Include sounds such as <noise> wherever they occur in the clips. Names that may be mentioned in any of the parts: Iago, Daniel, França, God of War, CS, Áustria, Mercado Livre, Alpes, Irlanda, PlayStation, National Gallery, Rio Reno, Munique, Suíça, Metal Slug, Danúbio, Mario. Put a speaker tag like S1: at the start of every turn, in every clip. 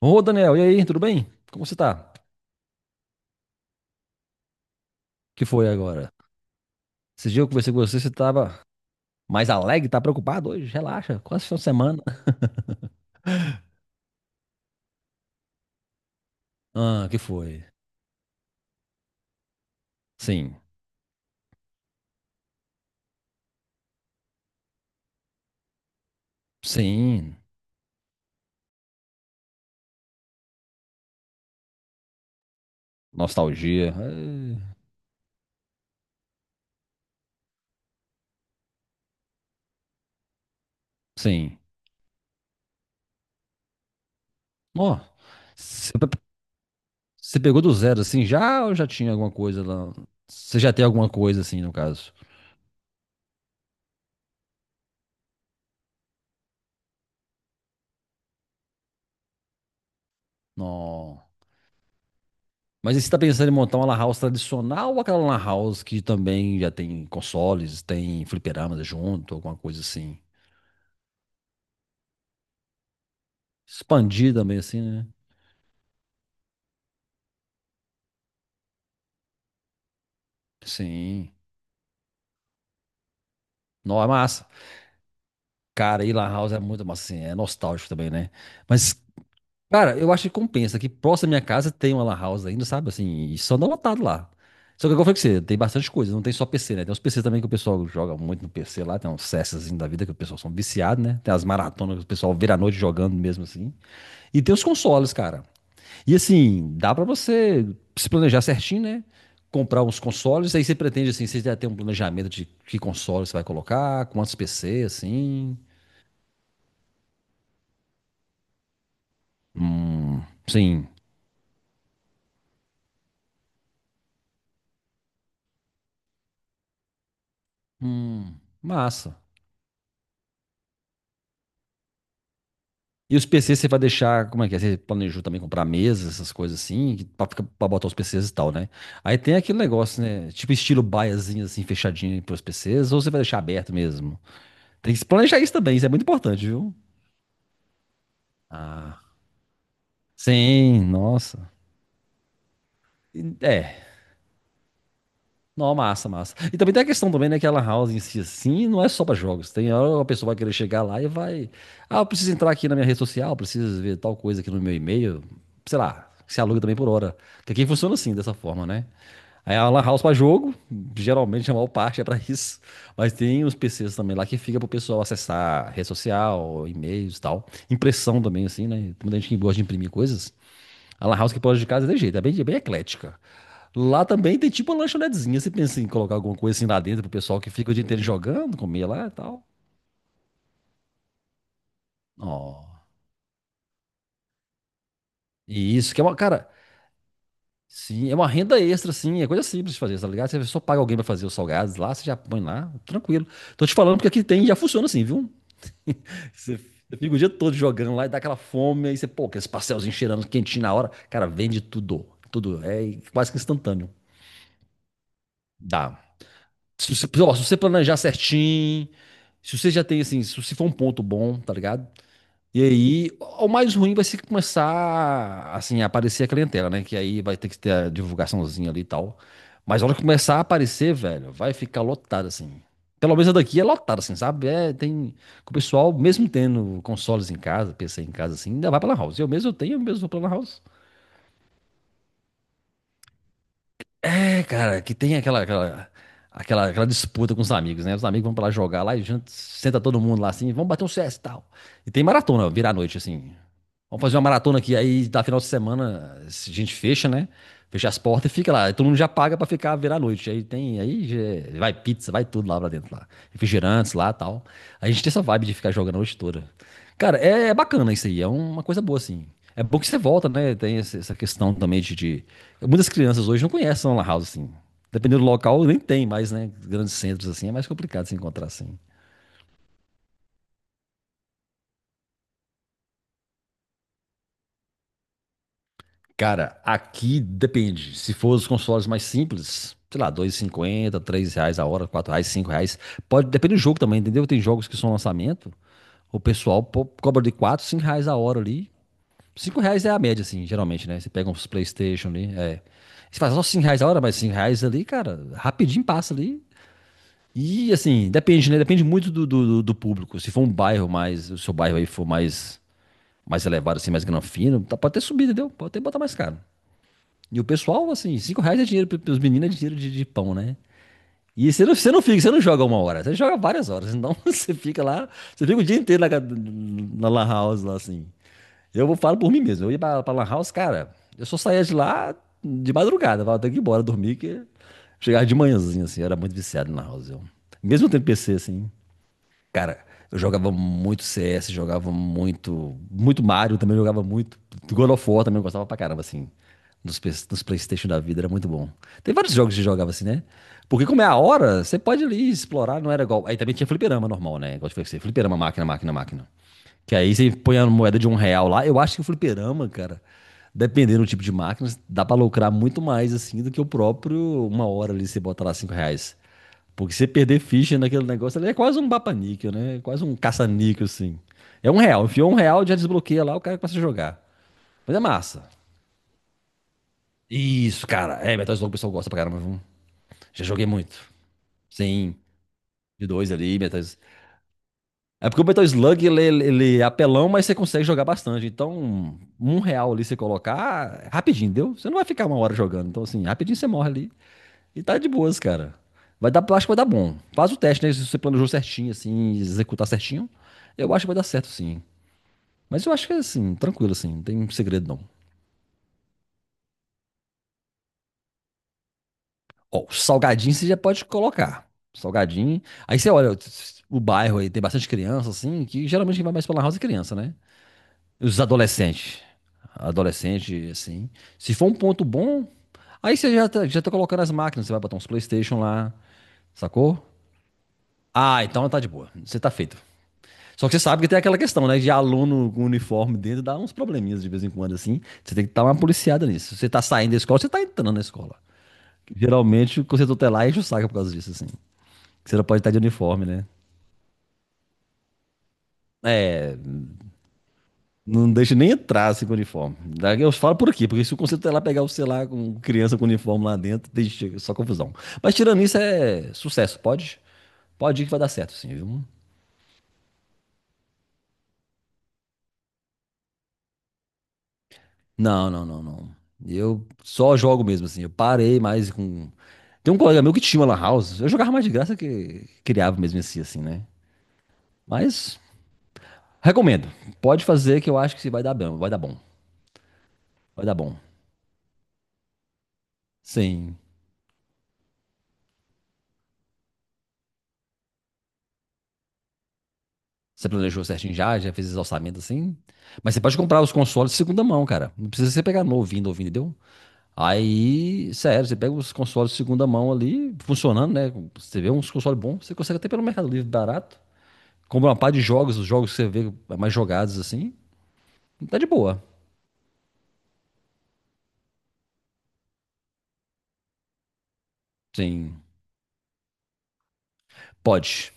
S1: Ô, Daniel, e aí, tudo bem? Como você tá? O que foi agora? Esse dia eu conversei com você, você tava mais alegre, tá preocupado hoje? Relaxa, quase final de semana. Ah, que foi? Sim, sim. Nostalgia. Sim. Ó, você pe- você pegou do zero assim já ou já tinha alguma coisa lá? Você já tem alguma coisa assim, no caso? Não. Mas e você tá pensando em montar uma lan house tradicional ou aquela lan house que também já tem consoles, tem fliperamas junto, alguma coisa assim? Expandir também, assim, né? Sim. Não, é massa. Cara, e lan house é muito massa, assim, é nostálgico também, né? Mas, cara, eu acho que compensa, que próximo da minha casa tem uma lan house ainda, sabe? Assim, e só não lotado lá. Só que, como eu falei com você, tem bastante coisa, não tem só PC, né? Tem uns PC também que o pessoal joga muito no PC lá, tem uns CS assim da vida que o pessoal são viciados, né? Tem as maratonas que o pessoal vira a noite jogando mesmo, assim. E tem os consoles, cara. E assim, dá pra você se planejar certinho, né? Comprar uns consoles, aí você pretende assim, você já tem um planejamento de que console você vai colocar, quantos PC, assim. Hum, sim. Hum, massa. E os PCs você vai deixar, como é que é? Você planejou também comprar mesas, essas coisas assim, que- pra, ficar- pra botar os PCs e tal, né? Aí tem aquele negócio, né? Tipo estilo baiazinho, assim, fechadinho pros PCs, ou você vai deixar aberto mesmo? Tem que se planejar isso também, isso é muito importante, viu? Ah, sim, nossa. É, não, massa, massa. E também tem a questão também, né, que a Lan House em si, assim, não é só para jogos. Tem hora que a pessoa vai querer chegar lá e vai... Ah, eu preciso entrar aqui na minha rede social, preciso ver tal coisa aqui no meu e-mail. Sei lá, se aluga também por hora. Que aqui funciona assim, dessa forma, né? Aí a Lan House para jogo, geralmente a maior parte é para <laughs> isso. Mas tem os PCs também lá que fica pro pessoal acessar rede social, e-mails e tal. Impressão também, assim, né? Tem muita gente que gosta de imprimir coisas. A lan house que pode de casa é de jeito, é bem eclética. Lá também tem tipo uma lanchonetezinha. Você pensa em colocar alguma coisa assim lá dentro pro pessoal que fica o dia inteiro jogando, comer lá e tal. Ó. E isso que é uma, cara, sim, é uma renda extra, assim, é coisa simples de fazer, tá ligado? Você só paga alguém pra fazer os salgados lá, você já põe lá, tranquilo. Tô te falando porque aqui tem, já funciona assim, viu? <laughs> Você você fica o dia todo jogando lá e dá aquela fome, aí você, pô, aqueles pastelzinhos cheirando quentinho na hora. Cara, vende tudo, tudo. É quase que instantâneo. Dá. Se você, ó, se você planejar certinho, se você já tem assim, se você for um ponto bom, tá ligado? E aí, o mais ruim vai ser que começar assim, a aparecer a clientela, né? Que aí vai ter que ter a divulgaçãozinha ali e tal. Mas a hora que começar a aparecer, velho, vai ficar lotado assim. Pelo menos a daqui é lotada, assim, sabe? É, tem. O pessoal, mesmo tendo consoles em casa, PC em casa, assim, ainda vai pra Lan House. Eu mesmo eu tenho, eu mesmo vou pra Lan House. É, cara, que tem aquela, aquela disputa com os amigos, né? Os amigos vão pra lá jogar lá e junto, senta todo mundo lá assim, vamos bater um CS e tal. E tem maratona, virar a noite, assim. Vamos fazer uma maratona aqui, aí da final de semana a gente fecha, né? Fecha as portas e fica lá. E todo mundo já paga pra ficar virar a noite. Aí tem, é, vai pizza, vai tudo lá pra dentro lá. Refrigerantes lá e tal. A gente tem essa vibe de ficar jogando a noite toda. Cara, é bacana isso aí, é uma coisa boa, assim. É bom que você volta, né? Tem essa questão também Muitas crianças hoje não conhecem a lan house, assim. Dependendo do local, nem tem mais, né? Grandes centros, assim, é mais complicado se encontrar, assim. Cara, aqui depende. Se for os consoles mais simples, sei lá, dois e cinquenta, três reais a hora, quatro reais, cinco reais. Pode, depende do jogo também, entendeu? Tem jogos que são lançamento, o pessoal cobra de quatro, cinco reais a hora ali. Cinco reais é a média, assim, geralmente, né? Você pega uns PlayStation ali, é. Você faz só 5 reais a hora, mas 5 reais ali, cara, rapidinho passa ali. E, assim, depende, né? Depende muito do público. Se for um bairro mais, se o seu bairro aí for mais, mais elevado, assim, mais granfino, tá, pode ter subido, entendeu? Pode até botar mais caro. E o pessoal, assim, 5 reais é dinheiro, pros meninos é dinheiro de pão, né? E você não fica, você não joga uma hora, você joga várias horas. Então <laughs> você fica lá, você fica o dia inteiro na, na Lan House lá assim. Falo por mim mesmo, eu ia pra, Lan House, cara, eu só saía de lá de madrugada, eu falava, tenho que ir embora dormir, que chegava de manhãzinha assim, eu era muito viciado na Lan House. Eu. Mesmo tendo PC assim. Cara, eu jogava muito CS, jogava muito. Muito Mario também jogava muito. God of War também eu gostava pra caramba, assim. Nos PlayStation da vida, era muito bom. Tem vários jogos que jogava assim, né? Porque como é a hora, você pode ali explorar, não era igual. Aí também tinha fliperama normal, né? Igual eu te falei pra você, fliperama, máquina, máquina, máquina. Que aí você põe a moeda de um real lá. Eu acho que o fliperama, cara, dependendo do tipo de máquina, dá pra lucrar muito mais assim do que o próprio uma hora ali você bota lá cinco reais. Porque se você perder ficha naquele negócio, ele é quase um bapa-níquel, né? É quase um caça-níquel, assim. É um real. Enfiou um real, já desbloqueia lá, o cara começa a jogar. Mas é massa. Isso, cara. É, Metal Slug o pessoal gosta pra caramba, viu? Já joguei muito. Sim, de dois ali, Metal Slug. É porque o Metal Slug, ele é apelão, mas você consegue jogar bastante. Então, um real ali você colocar, ah, rapidinho, deu? Você não vai ficar uma hora jogando. Então, assim, rapidinho você morre ali. E tá de boas, cara. Vai dar, acho que vai dar bom. Faz o teste, né? Se você planejou certinho, assim, executar certinho, eu acho que vai dar certo, sim. Mas eu acho que, é, assim, tranquilo, assim, não tem segredo, não. Ó, o salgadinho você já pode colocar. Salgadinho. Aí você olha, o bairro aí tem bastante criança, assim, que geralmente quem vai mais pela house é criança, né? Os adolescentes. Adolescente, assim. Se for um ponto bom, aí você já tá colocando as máquinas, você vai botar uns PlayStation lá, sacou? Ah, então tá de boa. Você tá feito. Só que você sabe que tem aquela questão, né? De aluno com uniforme dentro dá uns probleminhas de vez em quando, assim. Você tem que estar uma policiada nisso. Se você tá saindo da escola, você tá entrando na escola. Geralmente, o conselho tutelar enche o saco por causa disso, assim. Você não pode estar de uniforme, né? É, não deixa nem entrar assim com uniforme. Eu falo por aqui, porque se o conselho tutelar pegar o celular com criança com uniforme lá dentro, deixa só confusão. Mas tirando isso, é sucesso. Pode? Pode ir que vai dar certo, sim, viu? Não, não, não, não. Eu só jogo mesmo, assim. Eu parei mais com. Tem um colega meu que tinha uma lan house. Eu jogava mais de graça que criava mesmo em si, assim, né? Mas recomendo. Pode fazer que eu acho que vai dar bom. Vai dar bom. Vai dar bom. Sim. Você planejou certinho já? Já fez os orçamentos assim? Mas você pode comprar os consoles de segunda mão, cara. Não precisa você pegar novinho, novinho, entendeu? Aí, sério, você pega os consoles de segunda mão ali, funcionando, né? Você vê uns consoles bons, você consegue até pelo Mercado Livre barato. Compra uma par de jogos, os jogos que você vê mais jogados assim. Tá de boa. Sim. Pode.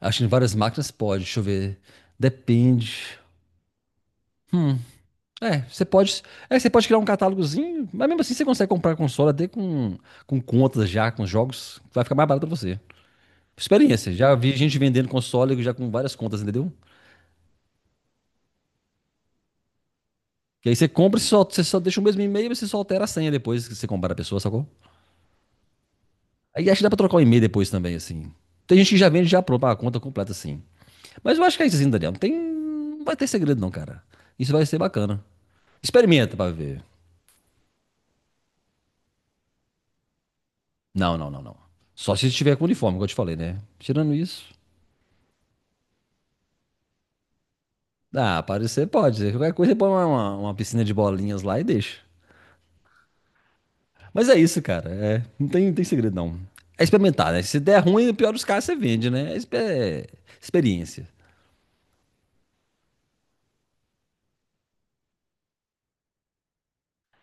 S1: Acho que em várias máquinas pode. Deixa eu ver. Depende. É, você pode. É, você pode criar um catálogozinho, mas mesmo assim você consegue comprar console até com contas já, com jogos. Vai ficar mais barato pra você. Experiência. Já vi gente vendendo console já com várias contas, entendeu? Que aí você compra, você só deixa o mesmo e-mail e você só altera a senha depois que você comprar a pessoa, sacou? Aí acho que dá pra trocar o e-mail depois também, assim. Tem gente que já vende já pronto a conta completa, assim. Mas eu acho que é isso assim, Daniel. Não tem... não vai ter segredo, não, cara. Isso vai ser bacana. Experimenta pra ver. Não, não, não, não. Só se estiver com uniforme, como eu te falei, né? Tirando isso. Ah, parecer pode, né? Qualquer coisa, você põe uma piscina de bolinhas lá e deixa. Mas é isso, cara. É, não tem segredo, não. É experimentar, né? Se der ruim, no pior dos casos, você vende, né? É experiência.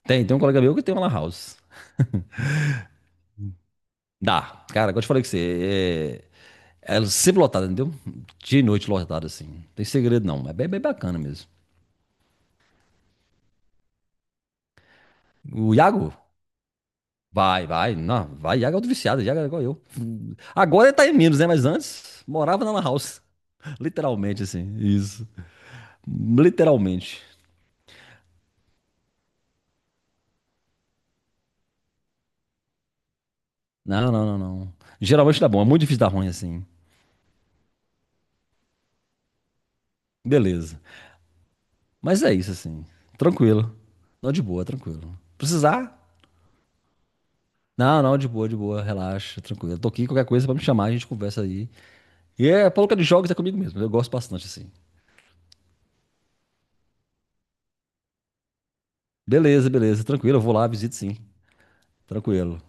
S1: Tem um colega meu que tem uma lan house. Dá. Cara, como eu te falei que você... É sempre lotada, entendeu? Dia e noite lotada, assim. Não tem segredo, não. É bem, bem bacana mesmo. O Iago? Vai, vai. Não, vai. Iago é outro viciado. Iago é igual eu. Agora ele tá em menos, né? Mas antes morava na Lan House. <laughs> Literalmente, assim. Isso. Literalmente. Não, não, não, não. Geralmente dá bom. É muito difícil dar ruim, assim. Beleza. Mas é isso, assim. Tranquilo. Não, de boa, tranquilo. Precisar? Não, não, de boa, de boa. Relaxa, tranquilo. Tô aqui, qualquer coisa pra me chamar, a gente conversa aí. E é, pouca de jogos é comigo mesmo. Eu gosto bastante, assim. Beleza, beleza. Tranquilo. Eu vou lá, visito sim. Tranquilo.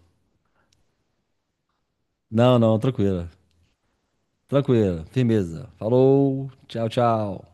S1: Não, não, tranquilo. Tranquilo, firmeza. Falou, tchau, tchau.